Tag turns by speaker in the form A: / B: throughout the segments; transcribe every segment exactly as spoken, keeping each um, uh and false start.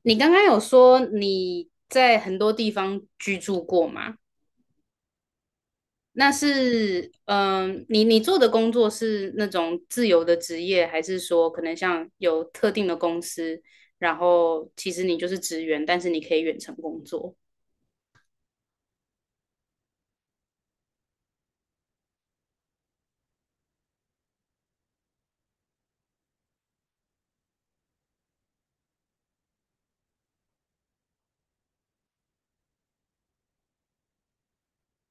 A: 你刚刚有说你在很多地方居住过吗？那是，嗯，你你做的工作是那种自由的职业，还是说可能像有特定的公司，然后其实你就是职员，但是你可以远程工作？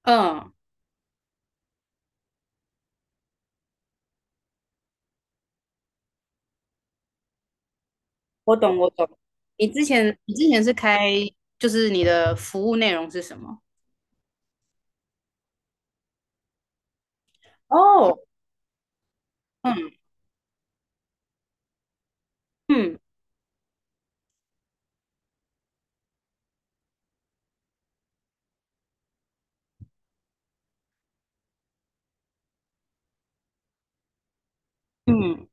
A: 嗯，我懂，我懂。你之前你之前是开，就是你的服务内容是什么？哦，嗯嗯嗯，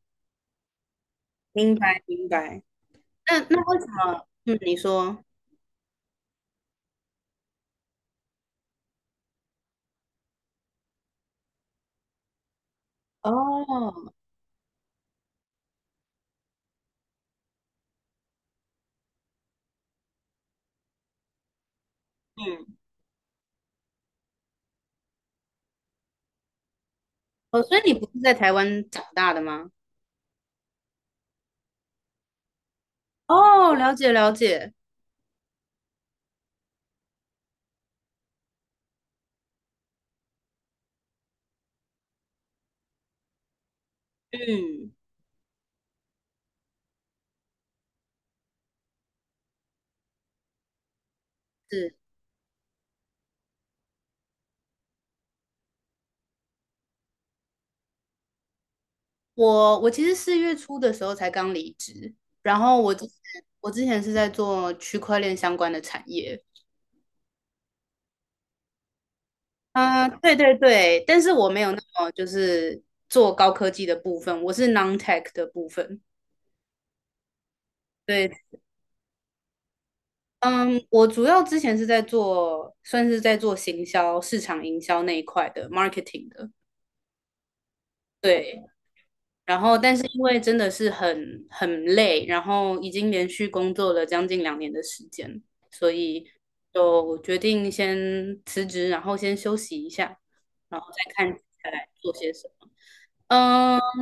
A: 明白明白。那那为什么？嗯，你说。哦，嗯。哦，所以你不是在台湾长大的吗？哦，了解了解，嗯，是我我其实四月初的时候才刚离职，然后我之前我之前是在做区块链相关的产业，嗯、对对对，但是我没有那么就是做高科技的部分，我是 non-tech 的部分，对，嗯，我主要之前是在做算是在做行销、市场营销那一块的 marketing 的，对，然后，但是因为真的是很很累，然后已经连续工作了将近两年的时间，所以就决定先辞职，然后先休息一下，然后再看接下来做些什么。嗯、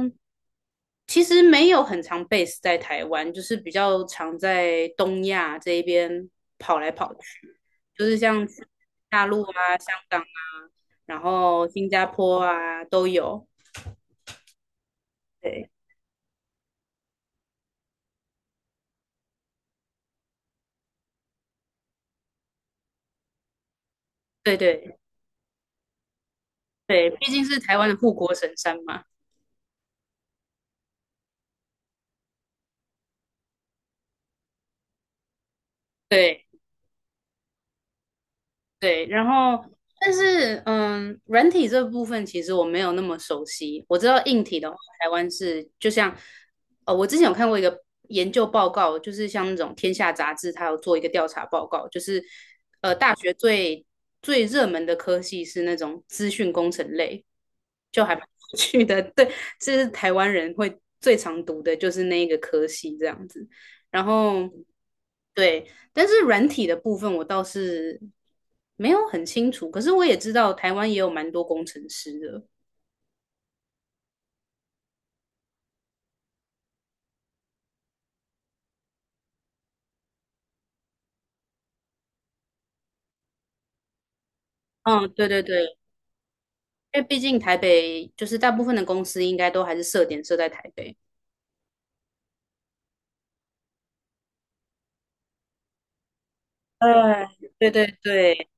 A: 其实没有很常 base 在台湾，就是比较常在东亚这一边跑来跑去，就是像去大陆啊、香港啊，然后新加坡啊都有。对对对，对，毕竟是台湾的护国神山嘛。对对，然后但是嗯，软体这部分其实我没有那么熟悉。我知道硬体的话，台湾是就像呃，我之前有看过一个研究报告，就是像那种《天下》杂志，它有做一个调查报告，就是呃，大学最最热门的科系是那种资讯工程类，就还蛮有趣的。对，这是台湾人会最常读的，就是那一个科系这样子。然后对，但是软体的部分我倒是没有很清楚，可是我也知道台湾也有蛮多工程师的。嗯，对对对，因为毕竟台北就是大部分的公司应该都还是设点设在台北。对对对对，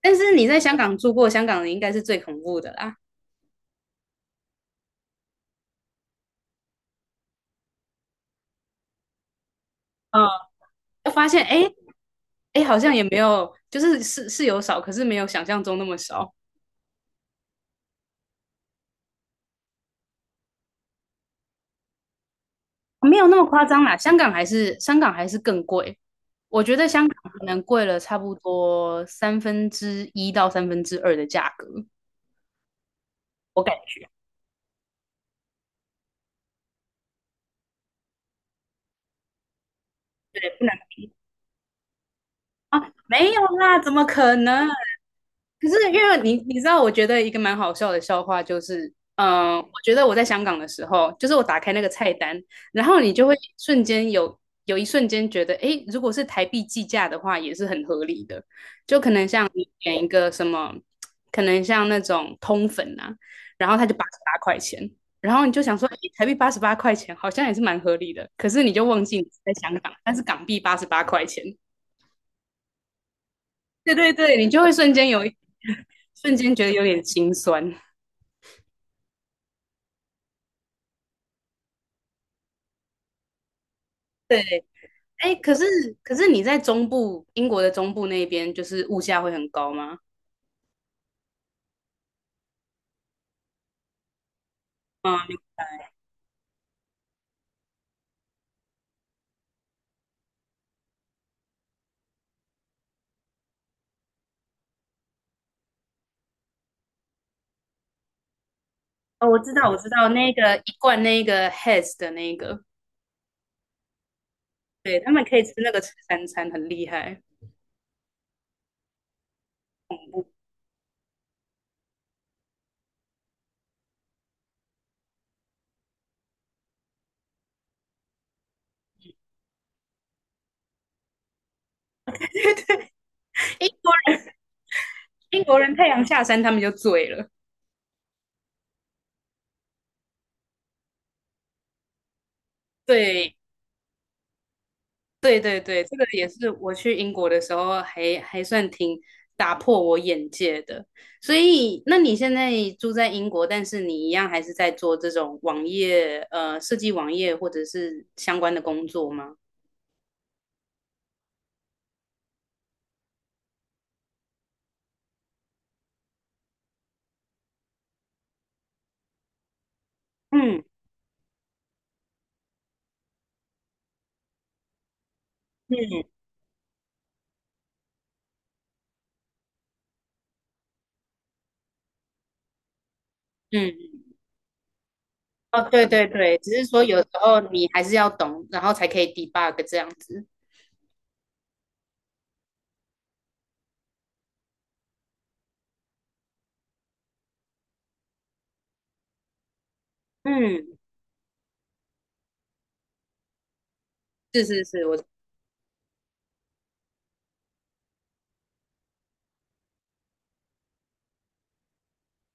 A: 但是你在香港住过，香港人应该是最恐怖的啦。嗯，就发现哎哎，诶好像也没有，就是是是有少，可是没有想象中那么少。没有那么夸张啦，香港还是香港还是更贵。我觉得香港可能贵了差不多三分之一到三分之二的价格，我感觉不能啊，没有啦，怎么可能？可是因为你你知道，我觉得一个蛮好笑的笑话就是，嗯、我觉得我在香港的时候，就是我打开那个菜单，然后你就会瞬间有有一瞬间觉得，诶，如果是台币计价的话，也是很合理的。就可能像你点一个什么，可能像那种通粉啊，然后它就八十八块钱，然后你就想说，诶，台币八十八块钱好像也是蛮合理的，可是你就忘记你是在香港，但是港币八十八块钱。对对对，你就会瞬间有一 瞬间觉得有点心酸。对，哎，可是可是你在中部，英国的中部那边，就是物价会很高吗？嗯，哦，我知道，我知道，那个一罐那个 Hess 的那个，对，他们可以吃那个吃三餐，很厉害。英国人英国人太阳下山，他们就醉了。对，对对对，这个也是我去英国的时候还还算挺打破我眼界的。所以，那你现在住在英国，但是你一样还是在做这种网页，呃，设计网页或者是相关的工作吗？嗯嗯嗯，哦，对对对，只是说有时候你还是要懂，然后才可以 debug 这样子。嗯，是是是，我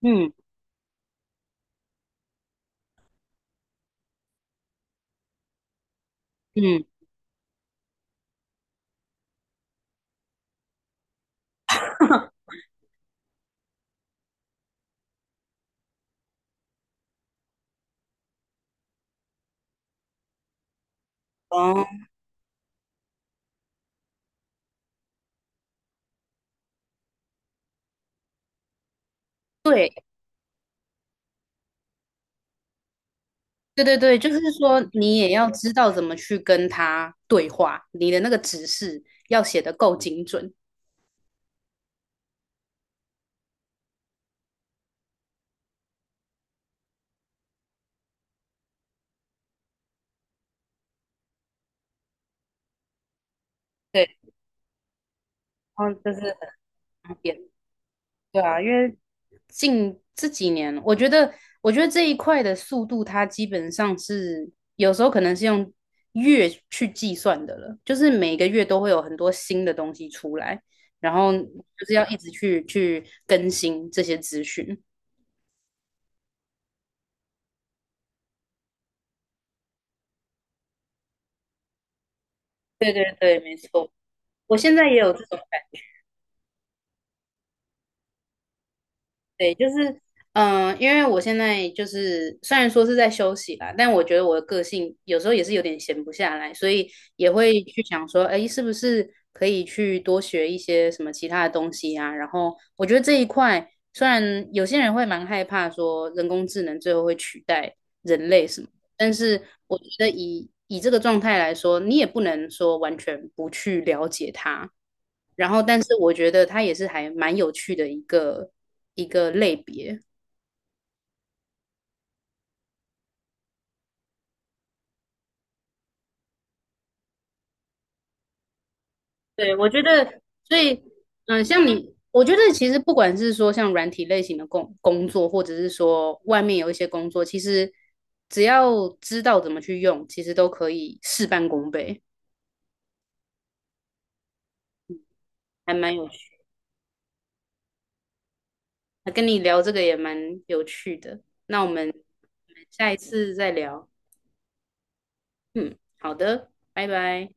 A: 嗯嗯，哦。对。对对对，就是说你也要知道怎么去跟他对话，你的那个指示要写的够精准。对，然后这是很方便。对啊，因为近这几年，我觉得，我觉得这一块的速度，它基本上是有时候可能是用月去计算的了，就是每个月都会有很多新的东西出来，然后就是要一直去去更新这些资讯。对对对，没错，我现在也有这种。感。对，就是嗯、呃因为我现在就是虽然说是在休息啦，但我觉得我的个性有时候也是有点闲不下来，所以也会去想说，哎，是不是可以去多学一些什么其他的东西啊？然后我觉得这一块，虽然有些人会蛮害怕说人工智能最后会取代人类什么。但是我觉得以以这个状态来说，你也不能说完全不去了解它。然后，但是我觉得它也是还蛮有趣的一个一个类别。对，我觉得，所以，嗯、像你，我觉得其实不管是说像软体类型的工工作，或者是说外面有一些工作，其实只要知道怎么去用，其实都可以事半功倍，还蛮有趣。那跟你聊这个也蛮有趣的，那我们我们下一次再聊。嗯，好的，拜拜。